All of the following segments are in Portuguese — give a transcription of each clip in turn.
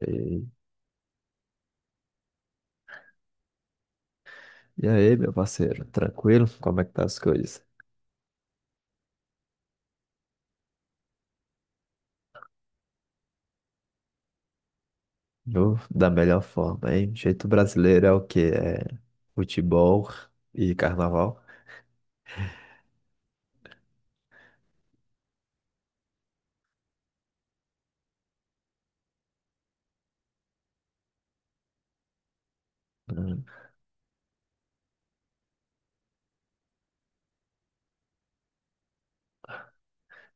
E, e aí, meu parceiro, tranquilo? Como é que tá as coisas? Eu, da melhor forma, hein? Jeito brasileiro é o quê? É futebol e carnaval? Hum.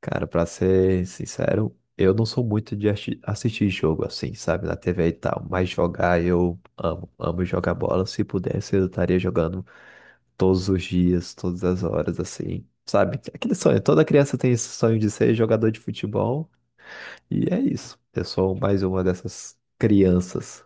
Cara, pra ser sincero, eu não sou muito de assistir jogo assim, sabe, na TV e tal, mas jogar eu amo, amo jogar bola. Se pudesse, eu estaria jogando todos os dias, todas as horas, assim, sabe? Aquele sonho, toda criança tem esse sonho de ser jogador de futebol. E é isso. Eu sou mais uma dessas crianças.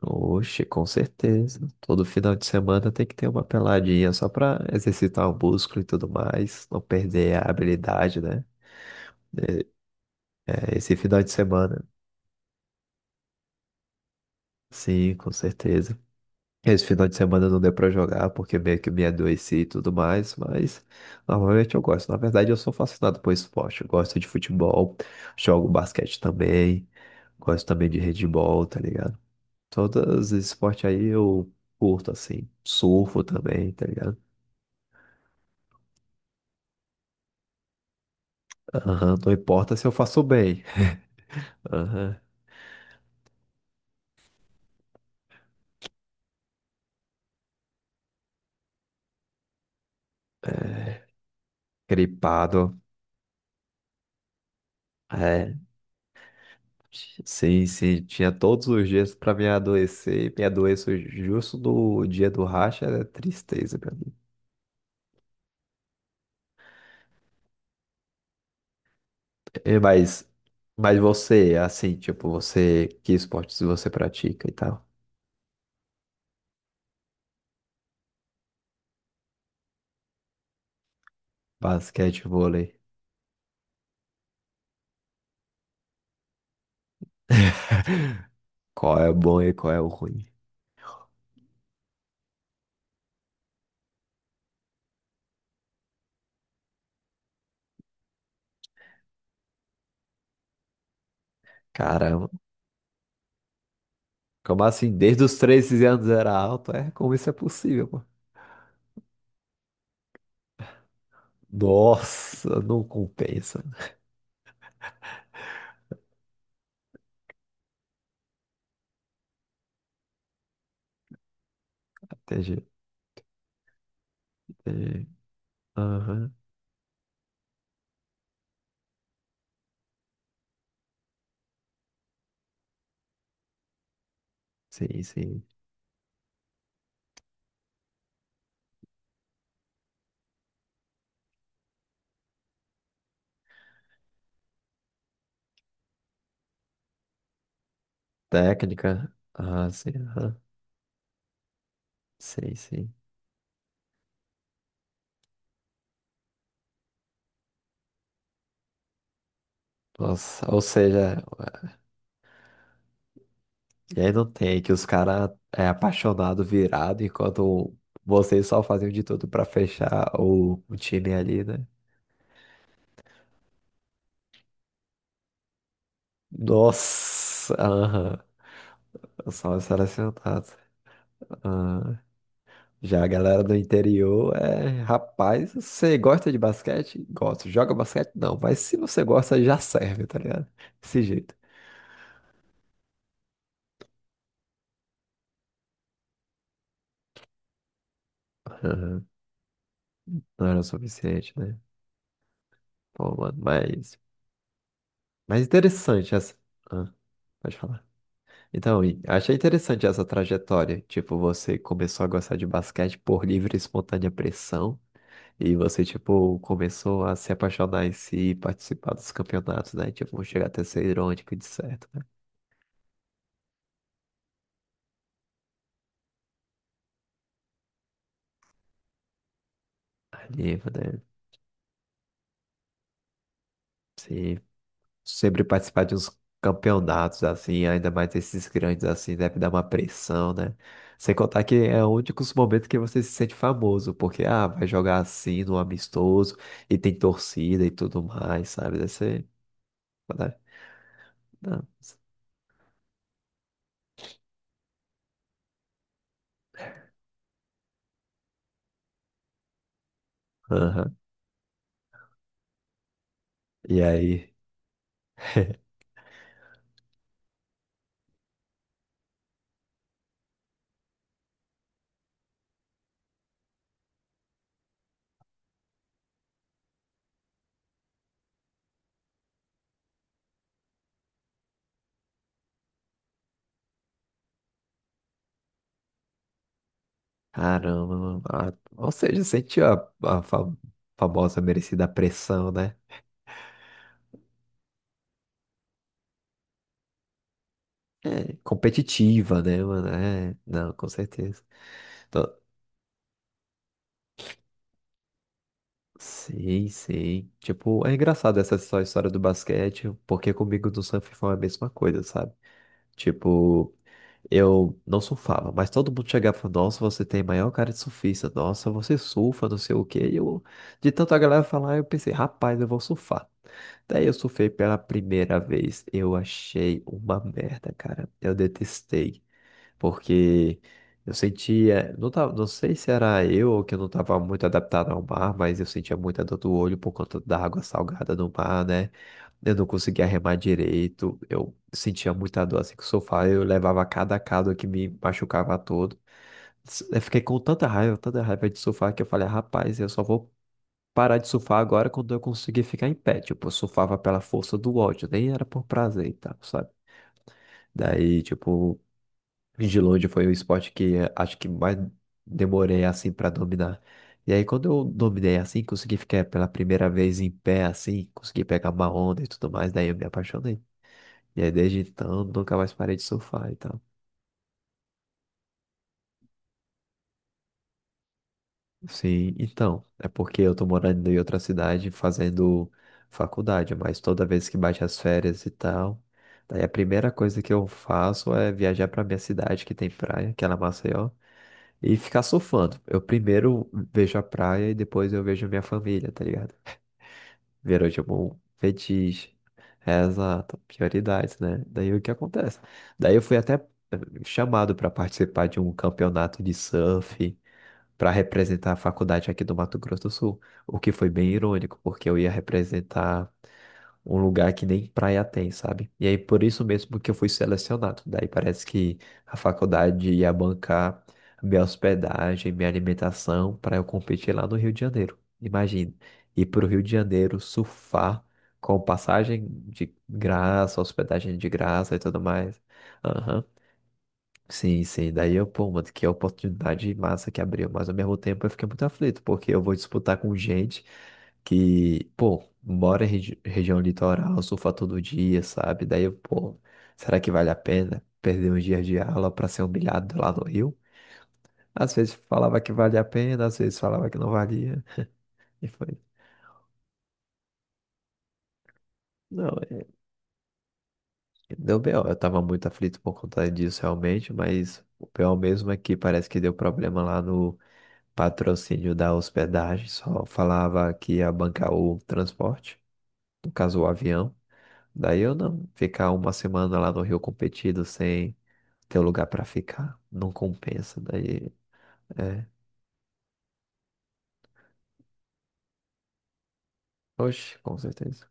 Oxe, com certeza. Todo final de semana tem que ter uma peladinha só pra exercitar o músculo e tudo mais, não perder a habilidade, né? É, esse final de semana, sim, com certeza. Esse final de semana não deu pra jogar porque meio que me adoeci e tudo mais, mas normalmente eu gosto. Na verdade, eu sou fascinado por esporte. Eu gosto de futebol, jogo basquete também, gosto também de handebol, tá ligado? Todos os esportes aí eu curto, assim. Surfo também, tá ligado? Aham, não importa se eu faço bem. Aham, gripado. É, sim, sim. Tinha todos os dias pra me adoecer, e me adoeço justo no dia do racha, é tristeza pra mim. É, mas você, assim, tipo, você, que esportes você pratica e tal? Basquete, vôlei. Qual é o bom e qual é o ruim? Caramba. Como assim? Desde os 13 anos era alto? É, como isso é possível, pô? Nossa, não compensa. Entendi, entendi. Aham, sim, sim. Técnica? Ah, sim, aham. Sim, sim. Nossa, ou seja, e aí não tem que os caras é apaixonado, virado, enquanto vocês só faziam de tudo pra fechar o time ali, né? Nossa, aham. Só selecionado. Já a galera do interior é, rapaz, você gosta de basquete? Gosto. Joga basquete? Não, mas se você gosta, já serve, tá ligado? Desse jeito. Aham. Não era o suficiente, né? Pô, mano, mas interessante essa. Ah, pode falar. Então, e achei interessante essa trajetória. Tipo, você começou a gostar de basquete por livre e espontânea pressão. E você, tipo, começou a se apaixonar em si e participar dos campeonatos, né? Tipo, chegar até ser irônico de certo, né? Anima, né? Sim, sempre participar de uns campeonatos assim, ainda mais esses grandes assim, deve dar uma pressão, né? Sem contar que é o único momentos que você se sente famoso, porque ah, vai jogar assim no amistoso e tem torcida e tudo mais, sabe? Deve ser. Né? Não. Aham. E aí? Caramba, mano. Ah, ou seja, sentiu a, a famosa merecida pressão, né? É, competitiva, né, mano? É, não, com certeza. Sei, sei. Tipo, é engraçado essa só história do basquete, porque comigo no surf foi a mesma coisa, sabe? Tipo, eu não surfava, mas todo mundo chegava e falava, nossa, você tem maior cara de surfista, nossa, você surfa, não sei o quê. E eu, de tanta galera falar, eu pensei, rapaz, eu vou surfar. Daí eu surfei pela primeira vez, eu achei uma merda, cara. Eu detestei. Porque eu sentia, não tava, não sei se era eu ou que eu não estava muito adaptado ao mar, mas eu sentia muita dor do olho por conta da água salgada no mar, né? Eu não conseguia remar direito, eu sentia muita dor assim com o sofá, eu levava cada cado que me machucava todo. Eu fiquei com tanta raiva de surfar que eu falei, rapaz, eu só vou parar de surfar agora quando eu conseguir ficar em pé. Tipo, eu surfava pela força do ódio, nem era por prazer e tal, sabe? Daí, tipo, de longe foi o esporte que acho que mais demorei assim para dominar. E aí quando eu dominei assim, consegui ficar pela primeira vez em pé assim, consegui pegar uma onda e tudo mais, daí eu me apaixonei. E aí desde então nunca mais parei de surfar e tal. Sim, então, é porque eu tô morando em outra cidade fazendo faculdade, mas toda vez que bate as férias e tal, daí a primeira coisa que eu faço é viajar pra minha cidade que tem praia, que é lá em Maceió. E ficar surfando. Eu primeiro vejo a praia e depois eu vejo minha família, tá ligado? Virou tipo um fetiche. É, exato, prioridades, né? Daí o que acontece? Daí eu fui até chamado para participar de um campeonato de surf para representar a faculdade aqui do Mato Grosso do Sul, o que foi bem irônico, porque eu ia representar um lugar que nem praia tem, sabe? E aí por isso mesmo que eu fui selecionado. Daí parece que a faculdade ia bancar minha hospedagem, minha alimentação para eu competir lá no Rio de Janeiro. Imagina, ir para o Rio de Janeiro surfar com passagem de graça, hospedagem de graça e tudo mais. Aham. Sim, sim. Daí eu, pô, mano, que oportunidade massa que abriu. Mas ao mesmo tempo eu fiquei muito aflito, porque eu vou disputar com gente que, pô, mora em região litoral, surfa todo dia, sabe? Daí eu, pô, será que vale a pena perder uns dias de aula pra ser humilhado lá no Rio? Às vezes falava que valia a pena, às vezes falava que não valia. E foi. Não, é, deu B.O. Eu tava muito aflito por conta disso realmente, mas o pior mesmo é que parece que deu problema lá patrocínio da hospedagem, só falava que ia bancar o transporte, no caso o avião. Daí eu não ficar uma semana lá no Rio competido sem ter lugar para ficar, não compensa. Daí é, oxe, com certeza.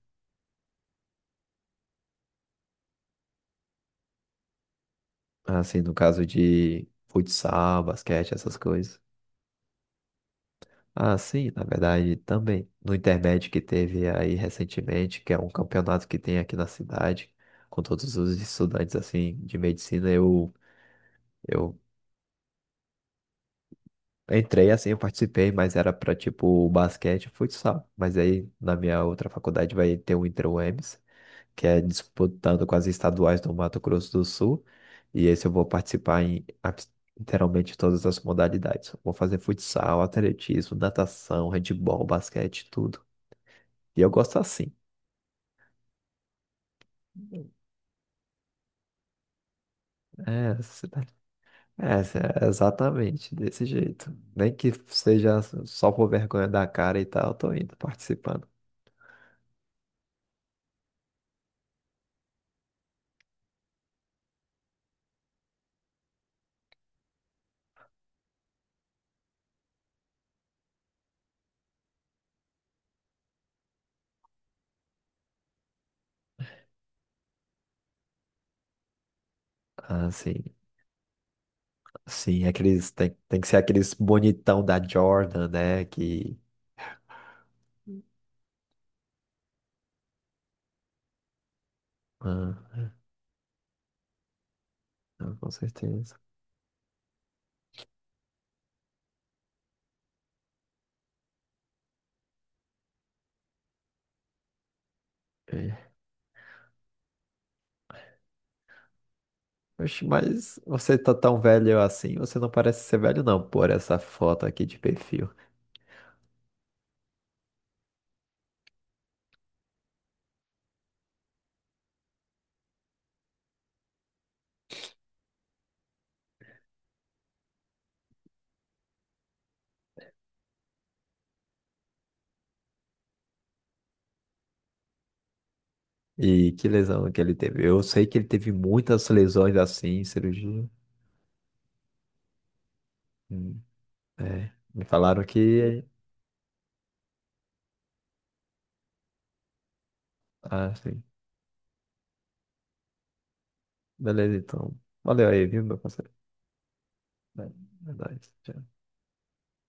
Assim, no caso de futsal, basquete, essas coisas. Ah, sim, na verdade também. No Intermédio que teve aí recentemente, que é um campeonato que tem aqui na cidade, com todos os estudantes assim de medicina, eu eu entrei assim, eu participei, mas era pra tipo basquete e futsal. Mas aí na minha outra faculdade vai ter o Inter-UEMS, que é disputando com as estaduais do Mato Grosso do Sul. E esse eu vou participar em literalmente todas as modalidades. Vou fazer futsal, atletismo, natação, handebol, basquete, tudo. E eu gosto assim. É, é exatamente desse jeito. Nem que seja só por vergonha da cara e tal, eu tô indo participando. Ah, sim. Sim, aqueles, tem, tem que ser aqueles bonitão da Jordan, né? Que. Ah, não, com certeza. É. Oxe, mas você tá tão velho assim, você não parece ser velho, não, por essa foto aqui de perfil. E que lesão que ele teve. Eu sei que ele teve muitas lesões assim, cirurgia. Hum, é. Me falaram que. Ah, sim. Beleza, então. Valeu aí, viu, meu parceiro? É, é nóis. Tchau.